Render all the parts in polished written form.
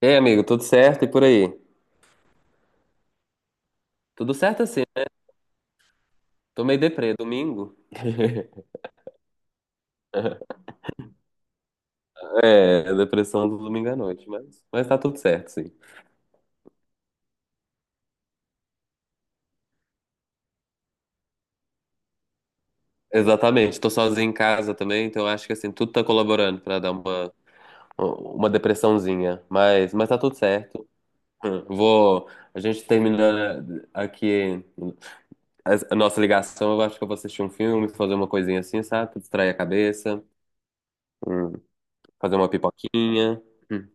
Ei, amigo, tudo certo e por aí? Tudo certo assim, né? Tô meio deprê, domingo. É, a depressão do domingo à noite, mas tá tudo certo, sim. Exatamente, tô sozinho em casa também, então acho que assim, tudo tá colaborando pra dar um, uma depressãozinha, mas tá tudo certo. Hum, Vou, a gente terminando aqui a nossa ligação, eu acho que eu vou assistir um filme, fazer uma coisinha assim, sabe? Pra distrair a cabeça, hum, fazer uma pipoquinha. Hum.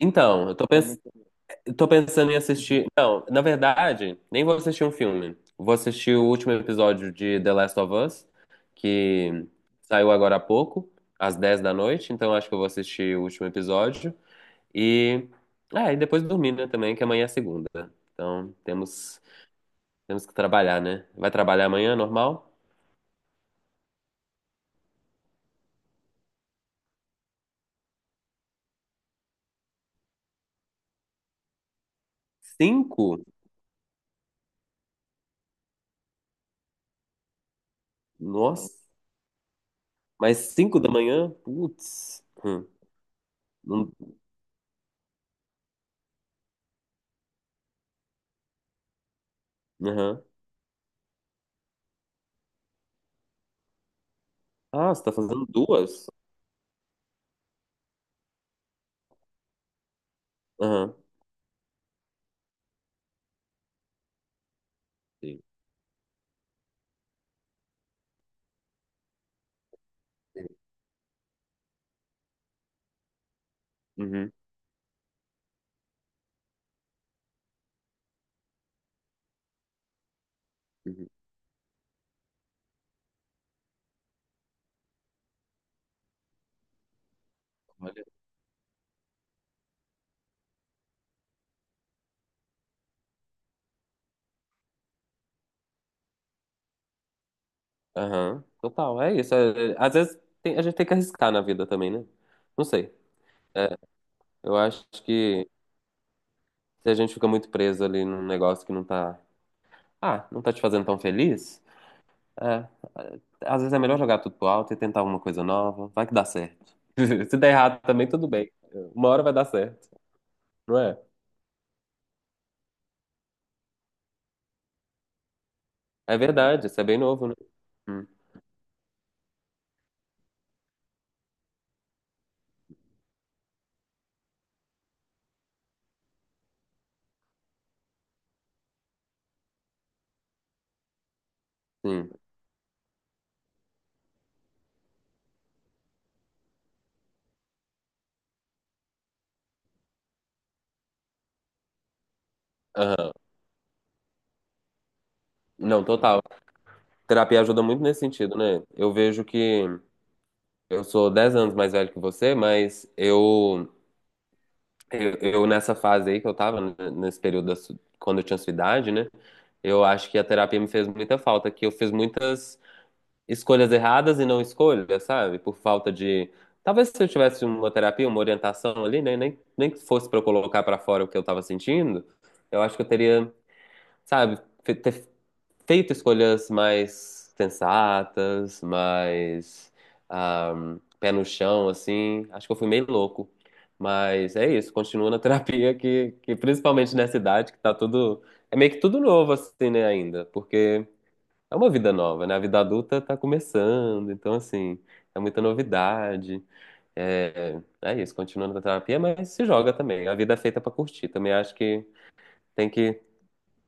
Então, eu tô pensando. Eu tô pensando em assistir. Não, na verdade, nem vou assistir um filme. Vou assistir o último episódio de The Last of Us, que saiu agora há pouco, às 10 da noite. Então acho que eu vou assistir o último episódio. E. Ah, e depois dormir, né, também, que amanhã é segunda. Então temos que trabalhar, né? Vai trabalhar amanhã, normal? Cinco? Nossa, mas cinco da manhã? Putz. Hum. Não- Aham. Ah, você tá fazendo duas? Aham. Sim. Uhum. Uhum. Olha. Aham, total, é isso. Às vezes a gente tem que arriscar na vida também, né? Não sei. É, eu acho que se a gente fica muito preso ali num negócio que não tá. Ah, não tá te fazendo tão feliz, é, é, às vezes é melhor jogar tudo pro alto e tentar alguma coisa nova. Vai que dá certo. Se der errado também, tudo bem. Uma hora vai dar certo, não é? É verdade, isso é bem novo, né? Hum, sim. Aham. Não, total. Terapia ajuda muito nesse sentido, né? Eu vejo que eu sou 10 anos mais velho que você, Eu, eu, nessa fase aí que eu tava, nesse período quando eu tinha sua idade, né? Eu acho que a terapia me fez muita falta, que eu fiz muitas escolhas erradas e não escolhas, sabe? Por falta de. Talvez se eu tivesse uma terapia, uma orientação ali, né? Nem que fosse pra eu colocar pra fora o que eu tava sentindo, eu acho que eu teria, sabe, ter feito escolhas mais sensatas, mais ah, pé no chão, assim. Acho que eu fui meio louco. Mas é isso, continua na terapia que principalmente nessa idade, que tá tudo. É meio que tudo novo, assim, né, ainda. Porque é uma vida nova, né? A vida adulta tá começando, então assim, é muita novidade. É isso, continua na terapia, mas se joga também. A vida é feita pra curtir. Também acho que tem que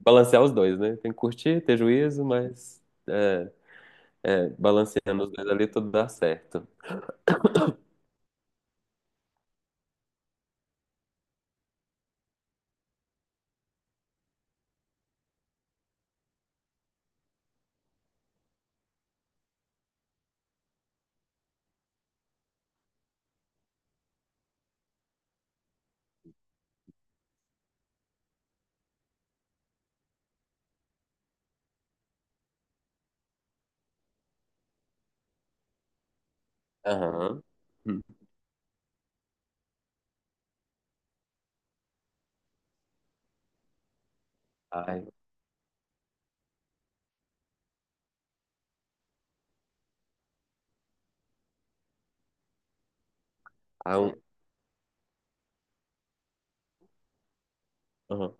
balancear os dois, né? Tem que curtir, ter juízo, mas é, é, balanceando os dois ali, tudo dá certo. Aham. Hum. Ai, ah, aham.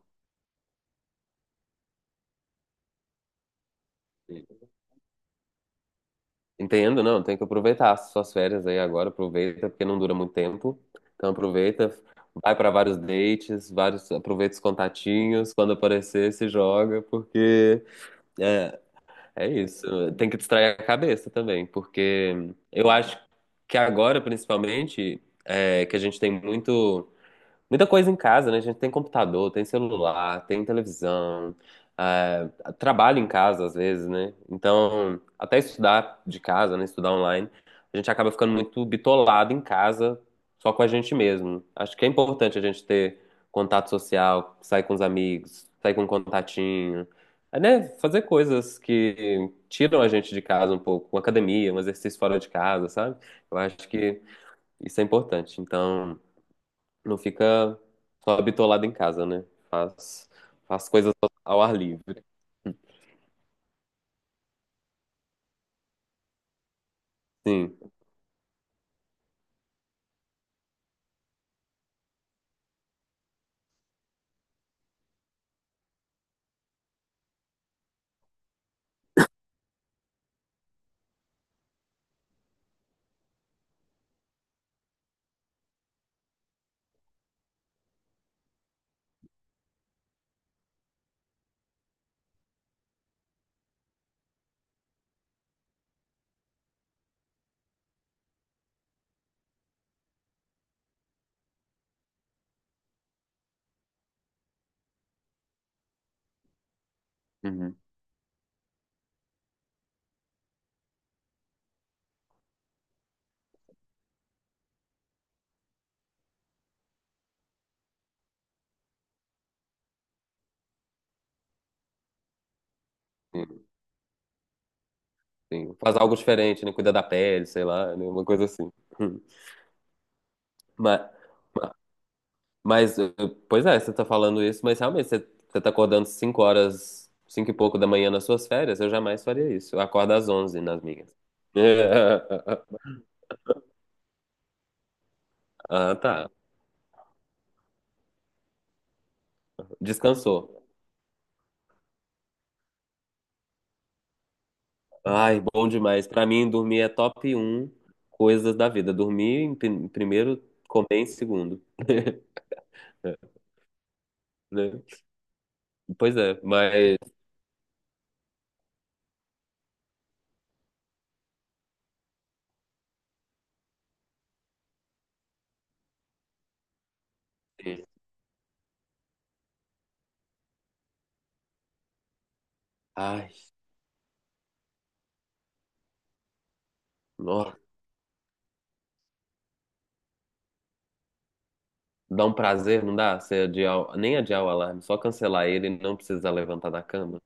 Entendo, não. Tem que aproveitar as suas férias aí agora. Aproveita, porque não dura muito tempo. Então aproveita, vai para vários dates, vários, aproveita os contatinhos. Quando aparecer, se joga, porque é, é isso. Tem que distrair a cabeça também, porque eu acho que agora, principalmente, que a gente tem muito. Muita coisa em casa, né? A gente tem computador, tem celular, tem televisão, ah, trabalho em casa às vezes, né? Então, até estudar de casa, né? Estudar online, a gente acaba ficando muito bitolado em casa, só com a gente mesmo. Acho que é importante a gente ter contato social, sair com os amigos, sair com um contatinho, né? Fazer coisas que tiram a gente de casa um pouco, uma academia, um exercício fora de casa, sabe? Eu acho que isso é importante. Então não fica só bitolado em casa, né? Faz, faz coisas ao ar livre. Sim. Uhum. Sim, sim. Faz algo diferente, né? Cuida da pele, sei lá, né? Uma coisa assim. Hum. Mas, mas, pois é, você tá falando isso, mas realmente você tá acordando 5 horas, 5 e pouco da manhã nas suas férias, eu jamais faria isso. Eu acordo às 11 nas minhas. Ah, tá. Descansou. Ai, bom demais. Pra mim, dormir é top um coisas da vida. Dormir em em primeiro, comer em segundo. Né? Pois é, mas. Ai, nossa, dá um prazer, não dá? Você adiar, nem adiar o alarme, só cancelar ele e não precisar levantar da cama.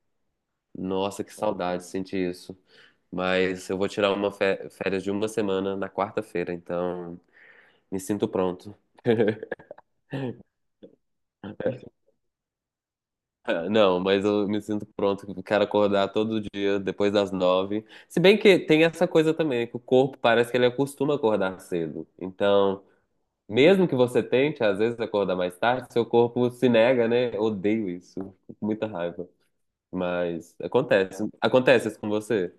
Nossa, que saudade de sentir isso. Mas eu vou tirar uma férias de 1 semana na quarta-feira, então me sinto pronto. Não, mas eu me sinto pronto, quero acordar todo dia depois das nove. Se bem que tem essa coisa também, que o corpo parece que ele acostuma acordar cedo. Então, mesmo que você tente, às vezes, acordar mais tarde, seu corpo se nega, né? Eu odeio isso, fico com muita raiva. Mas acontece. Acontece isso com você?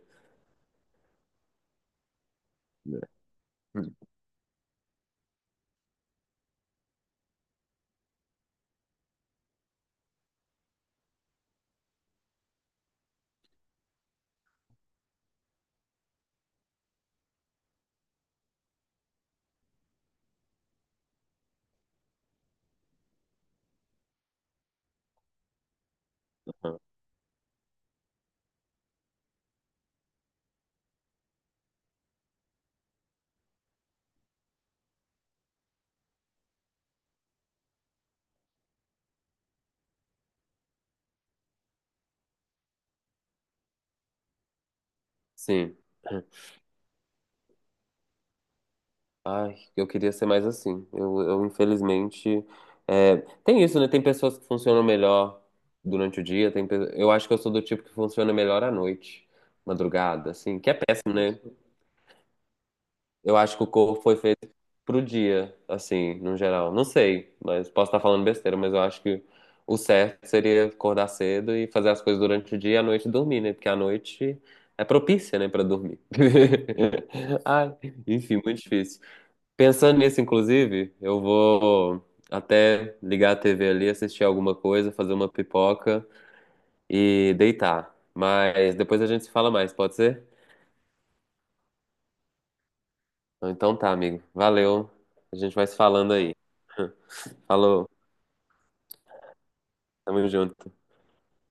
Uhum. Sim. Ai, eu queria ser mais assim. Eu infelizmente. é, tem isso, né? Tem pessoas que funcionam melhor durante o dia. Eu acho que eu sou do tipo que funciona melhor à noite, madrugada, assim, que é péssimo, né? Eu acho que o corpo foi feito pro dia, assim, no geral. Não sei, mas posso estar falando besteira, mas eu acho que o certo seria acordar cedo e fazer as coisas durante o dia e à noite dormir, né? Porque à noite é propícia, né, pra dormir. Ai, enfim, muito difícil. Pensando nisso, inclusive, eu vou até ligar a TV ali, assistir alguma coisa, fazer uma pipoca e deitar. Mas depois a gente se fala mais, pode ser? Então tá, amigo. Valeu. A gente vai se falando aí. Falou. Tamo junto.